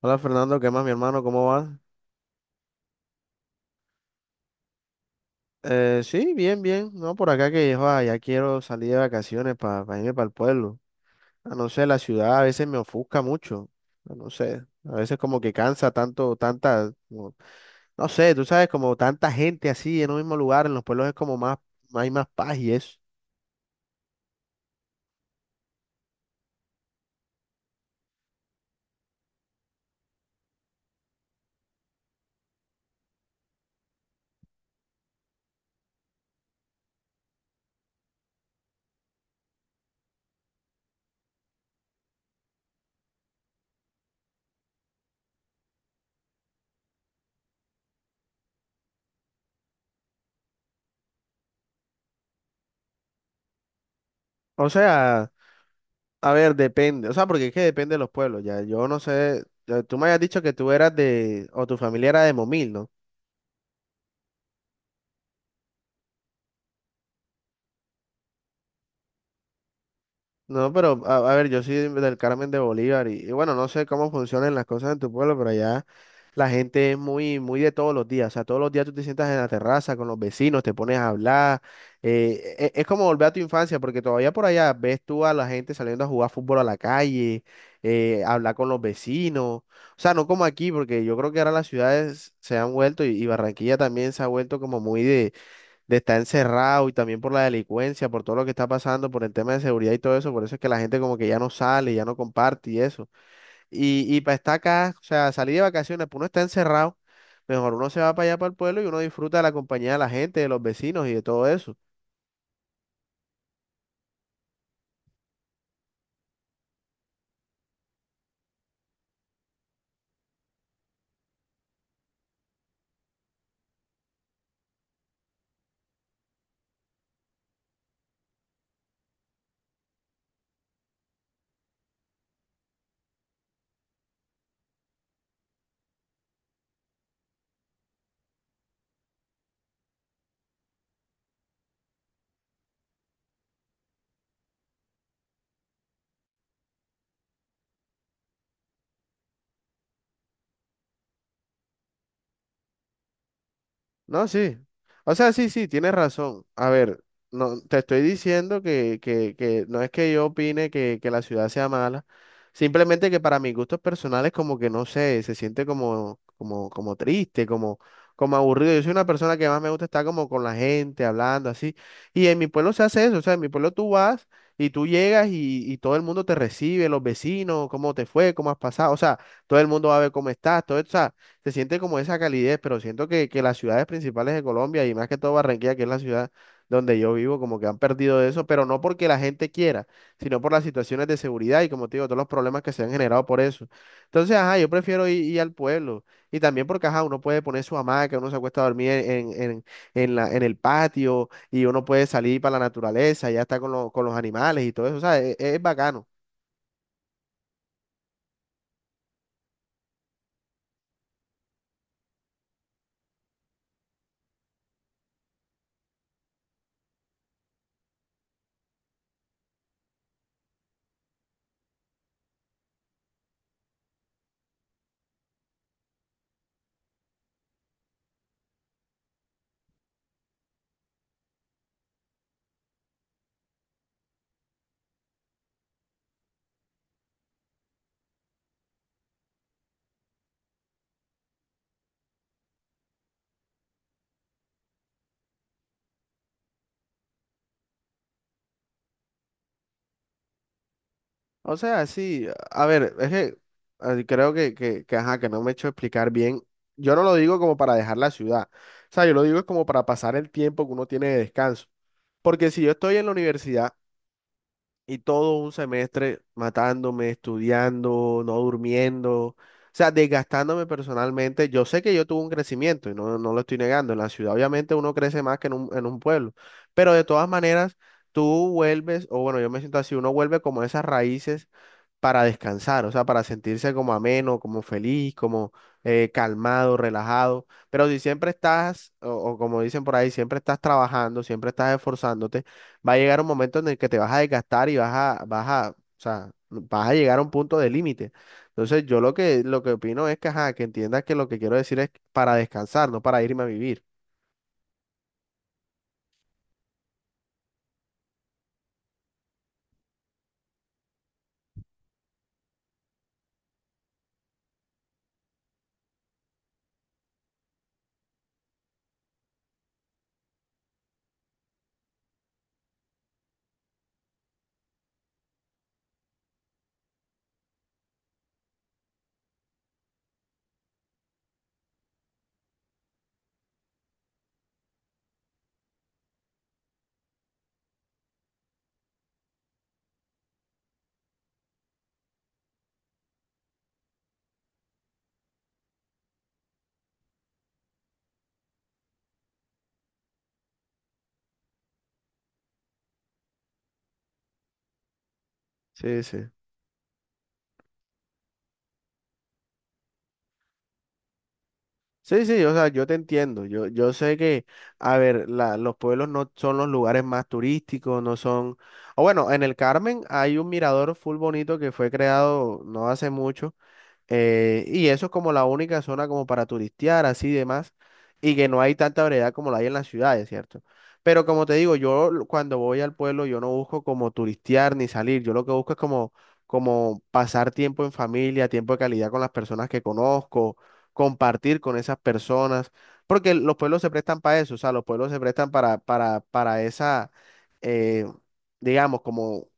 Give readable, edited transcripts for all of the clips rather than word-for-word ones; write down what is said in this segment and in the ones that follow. Hola Fernando, ¿qué más, mi hermano? ¿Cómo vas? Sí, bien. No, por acá que joa, ya quiero salir de vacaciones para irme para el pueblo. No sé, la ciudad a veces me ofusca mucho. No sé, a veces como que cansa tanto, no sé, tú sabes, como tanta gente así en un mismo lugar, en los pueblos es como más, hay más paz y eso. O sea, a ver, depende, o sea, porque es que depende de los pueblos, ya. Yo no sé, ya, tú me habías dicho que tú eras de, o tu familia era de Momil, ¿no? No, pero a ver, yo soy del Carmen de Bolívar y bueno, no sé cómo funcionan las cosas en tu pueblo, pero allá la gente es muy, muy de todos los días. O sea, todos los días tú te sientas en la terraza con los vecinos, te pones a hablar. Es como volver a tu infancia, porque todavía por allá ves tú a la gente saliendo a jugar fútbol a la calle, hablar con los vecinos. O sea, no como aquí, porque yo creo que ahora las ciudades se han vuelto y Barranquilla también se ha vuelto como muy de estar encerrado y también por la delincuencia, por todo lo que está pasando, por el tema de seguridad y todo eso, por eso es que la gente como que ya no sale, ya no comparte y eso. Y para estar acá, o sea, salir de vacaciones, pues uno está encerrado, mejor uno se va para allá para el pueblo y uno disfruta de la compañía de la gente, de los vecinos y de todo eso. No, sí. O sea, sí, sí, tienes razón. A ver, no, te estoy diciendo que no es que yo opine que la ciudad sea mala, simplemente que para mis gustos personales como que no sé, se siente como triste, como, como aburrido. Yo soy una persona que más me gusta estar como con la gente, hablando así. Y en mi pueblo se hace eso, o sea, en mi pueblo tú vas y tú llegas y todo el mundo te recibe, los vecinos, cómo te fue, cómo has pasado, o sea, todo el mundo va a ver cómo estás, todo eso se siente como esa calidez, pero siento que las ciudades principales de Colombia y más que todo Barranquilla, que es la ciudad donde yo vivo, como que han perdido eso, pero no porque la gente quiera, sino por las situaciones de seguridad y como te digo, todos los problemas que se han generado por eso. Entonces, ajá, yo prefiero ir al pueblo y también porque, ajá, uno puede poner su hamaca, uno se acuesta a dormir en la, en el patio y uno puede salir para la naturaleza, ya está con, con los animales y todo eso, o sea, es bacano. O sea, sí, a ver, es que creo ajá, que no me he hecho explicar bien. Yo no lo digo como para dejar la ciudad. O sea, yo lo digo es como para pasar el tiempo que uno tiene de descanso. Porque si yo estoy en la universidad y todo un semestre matándome, estudiando, no durmiendo, o sea, desgastándome personalmente, yo sé que yo tuve un crecimiento y no, no lo estoy negando. En la ciudad obviamente uno crece más que en en un pueblo. Pero de todas maneras, tú vuelves, o bueno, yo me siento así, uno vuelve como a esas raíces para descansar, o sea, para sentirse como ameno, como feliz, como calmado, relajado. Pero si siempre estás, o como dicen por ahí, siempre estás trabajando, siempre estás esforzándote, va a llegar un momento en el que te vas a desgastar y o sea, vas a llegar a un punto de límite. Entonces, yo lo que opino es que, ajá, que entiendas que lo que quiero decir es para descansar, no para irme a vivir. Sí, sí. Sí, sí, o sea, yo te entiendo. Yo sé a ver, los pueblos no son los lugares más turísticos, no son. O bueno, en el Carmen hay un mirador full bonito que fue creado no hace mucho. Y eso es como la única zona como para turistear, así y demás, y que no hay tanta variedad como la hay en las ciudades, ¿cierto? Pero como te digo, cuando voy al pueblo, yo no busco como turistear ni salir, yo lo que busco es como pasar tiempo en familia, tiempo de calidad con las personas que conozco, compartir con esas personas, porque los pueblos se prestan para eso, o sea, los pueblos se prestan para esa, eh, digamos, como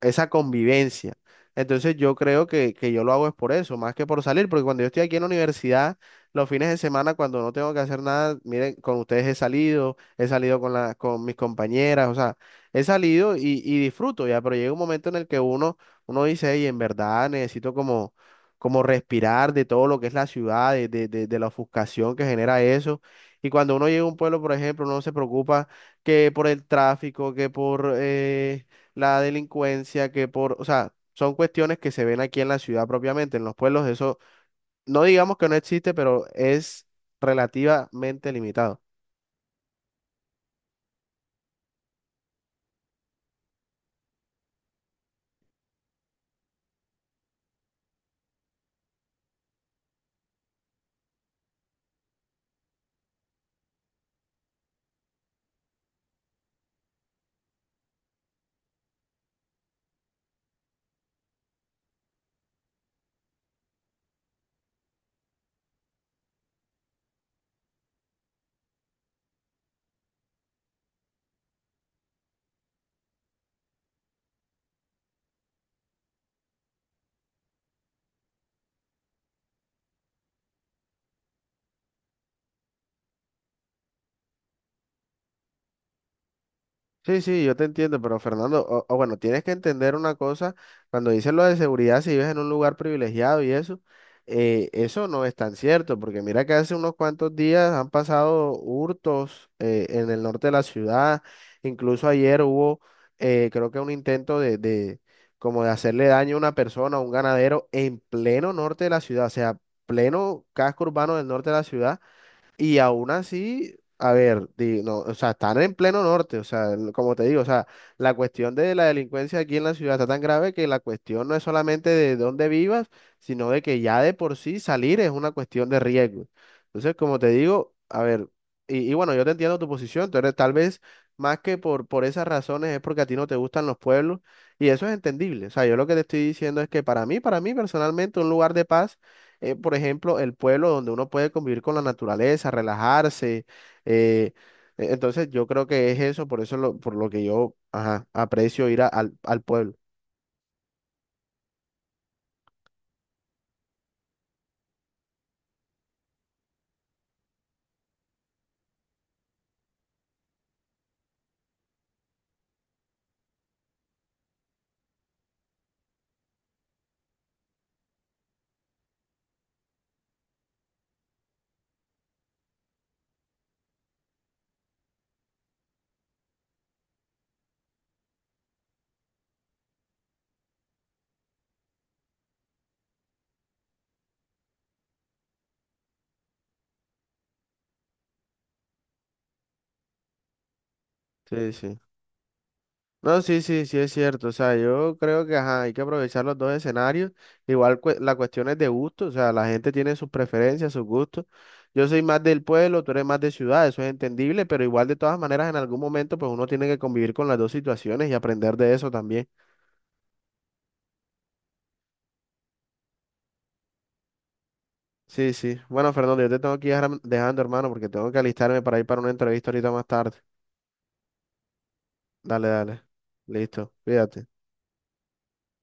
esa convivencia. Entonces yo creo que yo lo hago es por eso, más que por salir, porque cuando yo estoy aquí en la universidad, los fines de semana, cuando no tengo que hacer nada, miren, con ustedes he salido con con mis compañeras, o sea, he salido y disfruto ya, pero llega un momento en el que uno dice, y en verdad necesito como, como respirar de todo lo que es la ciudad, de la ofuscación que genera eso. Y cuando uno llega a un pueblo, por ejemplo, uno se preocupa que por el tráfico, que por... la delincuencia, que por, o sea, son cuestiones que se ven aquí en la ciudad propiamente, en los pueblos, eso no digamos que no existe, pero es relativamente limitado. Sí, sí, yo te entiendo, pero Fernando, o bueno, tienes que entender una cosa, cuando dicen lo de seguridad, si vives en un lugar privilegiado y eso, eso no es tan cierto, porque mira que hace unos cuantos días han pasado hurtos en el norte de la ciudad, incluso ayer hubo, creo que un intento de como de hacerle daño a una persona, a un ganadero, en pleno norte de la ciudad, o sea, pleno casco urbano del norte de la ciudad. Y aún así, a ver, no, o sea, están en pleno norte, o sea, como te digo, o sea, la cuestión de la delincuencia aquí en la ciudad está tan grave que la cuestión no es solamente de dónde vivas, sino de que ya de por sí salir es una cuestión de riesgo. Entonces, como te digo, a ver, y bueno, yo te entiendo tu posición, tú eres tal vez más que por esas razones es porque a ti no te gustan los pueblos, y eso es entendible. O sea, yo lo que te estoy diciendo es que para mí personalmente, un lugar de paz por ejemplo, el pueblo donde uno puede convivir con la naturaleza, relajarse. eh, entonces, yo creo que es eso, por eso por lo que yo ajá, aprecio al pueblo. Sí, sí. No, sí, sí, sí es cierto. O sea, yo creo que ajá, hay que aprovechar los dos escenarios. Igual la cuestión es de gusto, o sea, la gente tiene sus preferencias, sus gustos. Yo soy más del pueblo, tú eres más de ciudad, eso es entendible, pero igual de todas maneras en algún momento pues uno tiene que convivir con las dos situaciones y aprender de eso también. Sí, sí. Bueno, Fernando, yo te tengo que ir ahora dejando, hermano, porque tengo que alistarme para ir para una entrevista ahorita más tarde. Dale, dale. Listo. Cuídate.